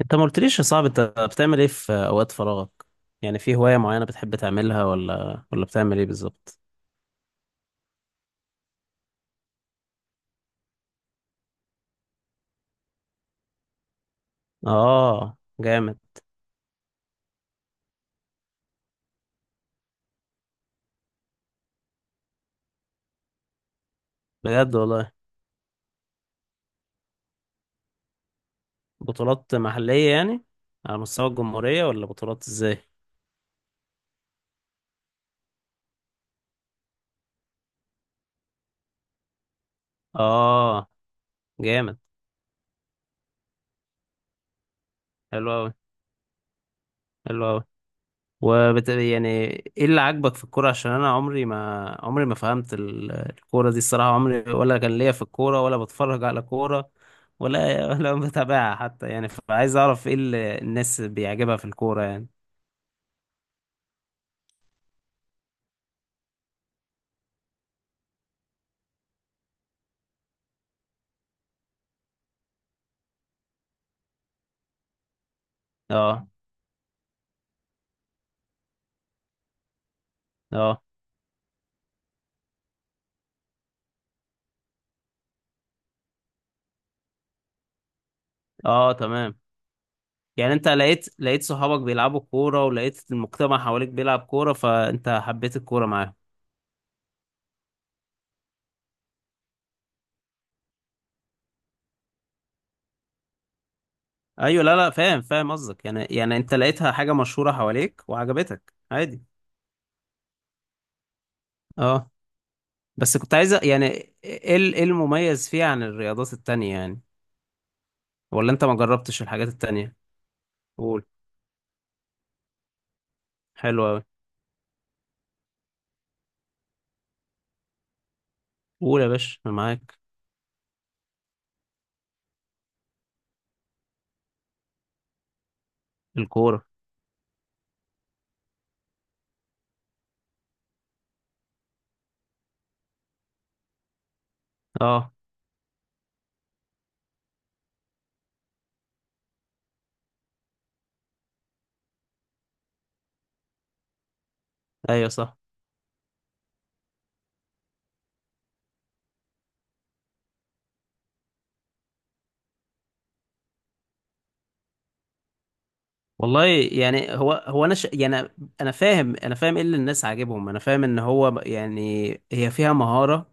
انت ما قلتليش يا صاحبي، انت بتعمل ايه في اوقات فراغك؟ يعني في هواية معينة بتحب تعملها، ولا بتعمل ايه بالظبط؟ اه، جامد. بجد والله. بطولات محلية يعني، على مستوى الجمهورية ولا بطولات ازاي؟ اه، جامد. حلو اوي، حلو اوي. وبت... يعني ايه اللي عاجبك في الكوره؟ عشان انا عمري ما فهمت الكوره دي الصراحه، عمري ولا كان ليا في الكوره ولا بتفرج على كوره ولا ولا بتابعها حتى يعني، فعايز اعرف ايه اللي الناس بيعجبها في الكوره يعني. اه اه. اه، تمام. يعني انت لقيت صحابك بيلعبوا كوره، ولقيت المجتمع حواليك بيلعب كوره، فانت حبيت الكوره معاهم. ايوه، لا، لا، فاهم فاهم قصدك، يعني انت لقيتها حاجه مشهوره حواليك وعجبتك عادي. اه، بس كنت عايز يعني، إيه المميز فيه عن الرياضات التانية يعني؟ ولا انت ما جربتش الحاجات التانية؟ قول. حلو اوي. قول يا باشا، انا معاك. الكورة. اه، ايوه، صح. والله، يعني هو انا يعني، انا فاهم ايه اللي الناس عاجبهم، انا فاهم ان هو، يعني هي فيها مهارة،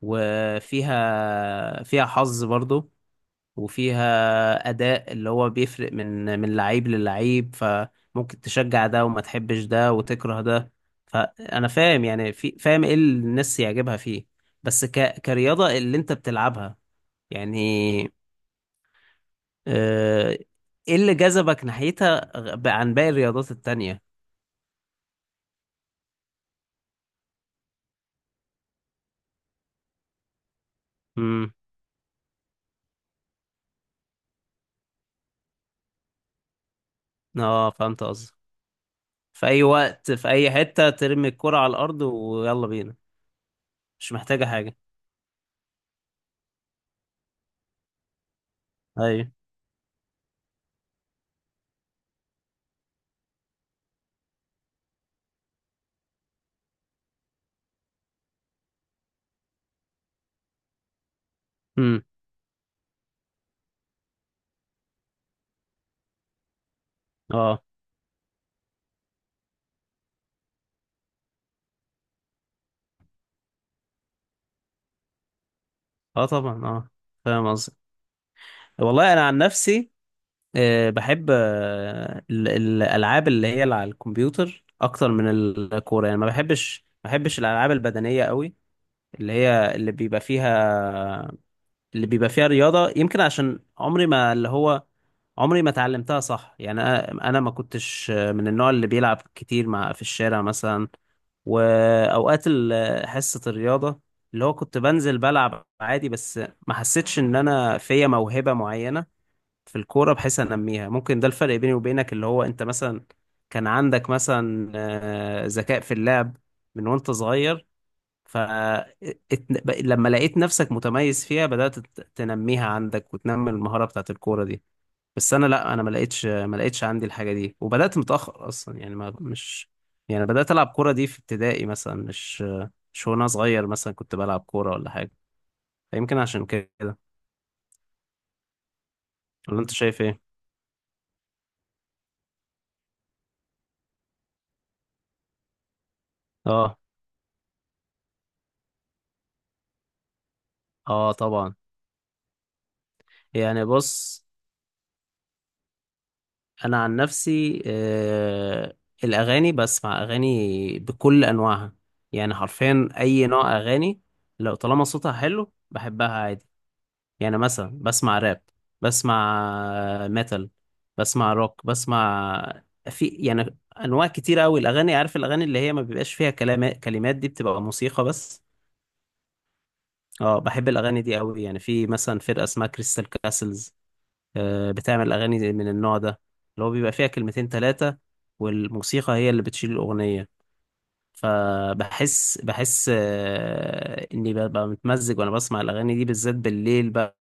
وفيها حظ برضو، وفيها أداء اللي هو بيفرق من لعيب للعيب، فممكن تشجع ده وما تحبش ده وتكره ده. فأنا فاهم يعني، في فاهم إيه اللي الناس يعجبها فيه. بس كرياضة اللي أنت بتلعبها، يعني، آه، إيه اللي جذبك ناحيتها عن باقي الرياضات التانية؟ امم. اه، فهمت قصدي. في أي وقت، في أي حتة، ترمي الكرة على الأرض ويلا بينا. مش محتاجة حاجة. أيوه. امم. اه، اه، طبعا، اه. فاهم قصدي. والله انا عن نفسي، بحب الالعاب اللي هي اللي على الكمبيوتر اكتر من الكوره، يعني ما بحبش الالعاب البدنيه قوي. اللي هي اللي بيبقى فيها رياضه، يمكن عشان عمري ما اتعلمتها صح يعني، انا ما كنتش من النوع اللي بيلعب كتير مع في الشارع مثلا، واوقات حصه الرياضه اللي هو كنت بنزل بلعب عادي بس، ما حسيتش ان انا فيا موهبه معينه في الكورة بحيث أنميها. ممكن ده الفرق بيني وبينك، اللي هو أنت مثلا كان عندك مثلا ذكاء في اللعب من وأنت صغير، ف ات- لما لقيت نفسك متميز فيها بدأت تنميها عندك وتنمي المهارة بتاعت الكورة دي. بس أنا لأ، أنا ما لقيتش عندي الحاجة دي، وبدأت متأخر أصلا يعني، ما مش، يعني بدأت ألعب كورة دي في ابتدائي مثلا، مش وأنا صغير مثلا كنت بلعب كورة ولا حاجة، فيمكن عشان كده. ولا أنت شايف إيه؟ آه. آه، طبعا. يعني، بص، انا عن نفسي، الاغاني، بسمع اغاني بكل انواعها، يعني حرفيا اي نوع اغاني، لو طالما صوتها حلو بحبها عادي. يعني مثلا بسمع راب، بسمع ميتال، بسمع روك، بسمع، في يعني انواع كتير قوي الاغاني، عارف، الاغاني اللي هي ما بيبقاش فيها كلمات دي بتبقى موسيقى بس. اه، بحب الاغاني دي قوي، يعني في مثلا فرقة اسمها كريستال كاسلز، بتعمل أغاني من النوع ده، اللي هو بيبقى فيها كلمتين تلاتة، والموسيقى هي اللي بتشيل الأغنية. فبحس إني ببقى متمزج وأنا بسمع الأغاني دي، بالذات بالليل بقى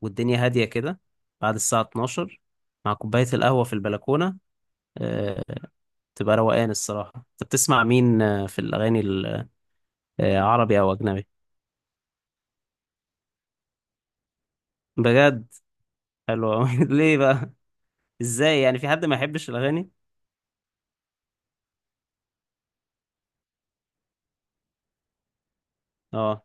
والدنيا هادية كده، بعد الساعة 12، مع كوباية القهوة في البلكونة، آه، تبقى روقان الصراحة. أنت بتسمع مين في الأغاني عربي أو أجنبي؟ بجد؟ حلو أوي ليه بقى؟ إزاي يعني في حد ما يحبش الأغاني؟ اه.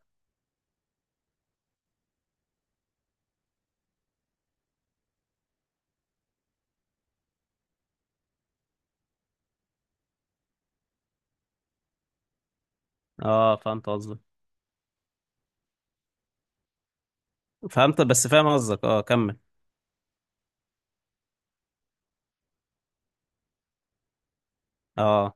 اه، فهمت قصدك. فهمت، بس فاهم قصدك، اه، كمل. اه.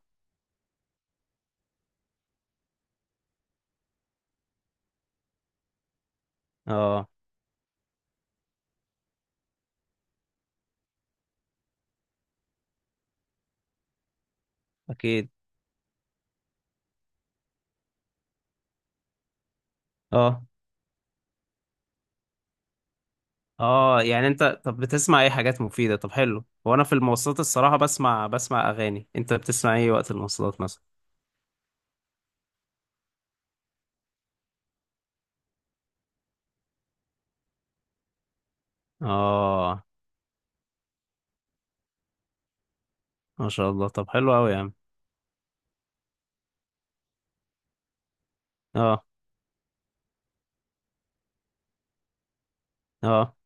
اه، اكيد. اه. اه، يعني انت طب بتسمع ايه؟ حاجات مفيدة؟ طب حلو، هو انا في المواصلات الصراحة بسمع اغاني، انت بتسمع ايه وقت المواصلات مثلا؟ اه. ما شاء الله، طب حلو قوي يا عم. اه. اه.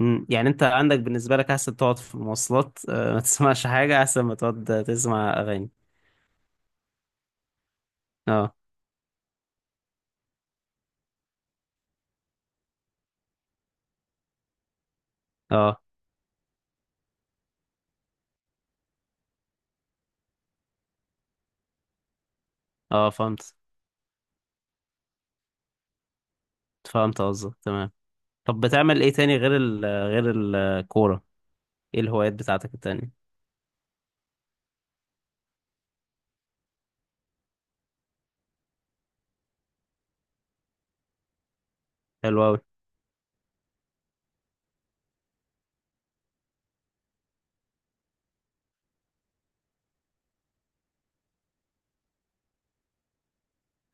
أمم، يعني انت عندك بالنسبة لك احسن تقعد في المواصلات ما تسمعش حاجة، احسن ما تقعد تسمع اغاني؟ اه. اه. اه، فهمت. فهمت قصدك، تمام. طب بتعمل ايه تاني غير غير الكورة؟ ايه الهوايات بتاعتك التانية؟ حلو أوي.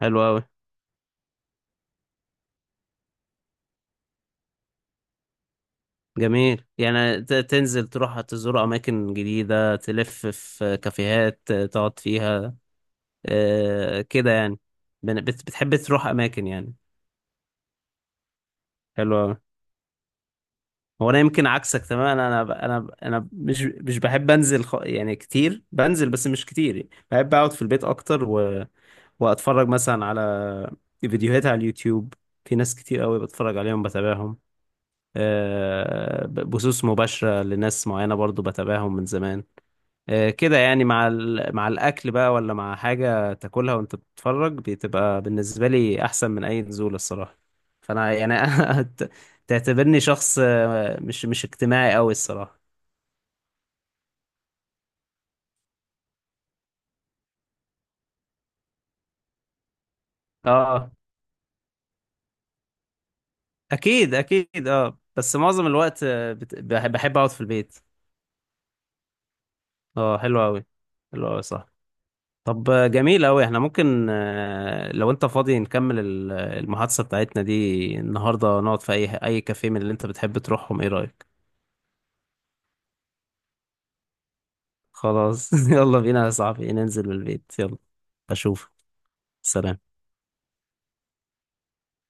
حلو أوي. جميل، يعني تنزل تروح تزور أماكن جديدة، تلف في كافيهات تقعد فيها، كده يعني، بتحب تروح أماكن يعني؟ حلو أوي. هو أنا يمكن عكسك تماما، أنا مش بحب أنزل، يعني كتير بنزل، بس مش كتير، بحب أقعد في البيت أكتر وأتفرج مثلا على فيديوهات على اليوتيوب، في ناس كتير أوي بتفرج عليهم بتابعهم، بثوث مباشرة لناس معينة برضو بتابعهم من زمان، كده يعني، مع الأكل بقى، ولا مع حاجة تاكلها وأنت بتتفرج، بتبقى بالنسبة لي أحسن من أي نزول الصراحة. فأنا يعني أنا تعتبرني شخص مش اجتماعي أوي الصراحة. اه، أكيد، أكيد، اه، بس معظم الوقت، بحب أقعد في البيت. اه، حلو أوي. حلو أوي، صح. طب جميل أوي، احنا ممكن لو أنت فاضي نكمل المحادثة بتاعتنا دي النهاردة، نقعد في أي كافيه من اللي أنت بتحب تروحهم، إيه رأيك؟ خلاص يلا بينا يا صاحبي، ننزل من البيت، يلا. اشوف. سلام.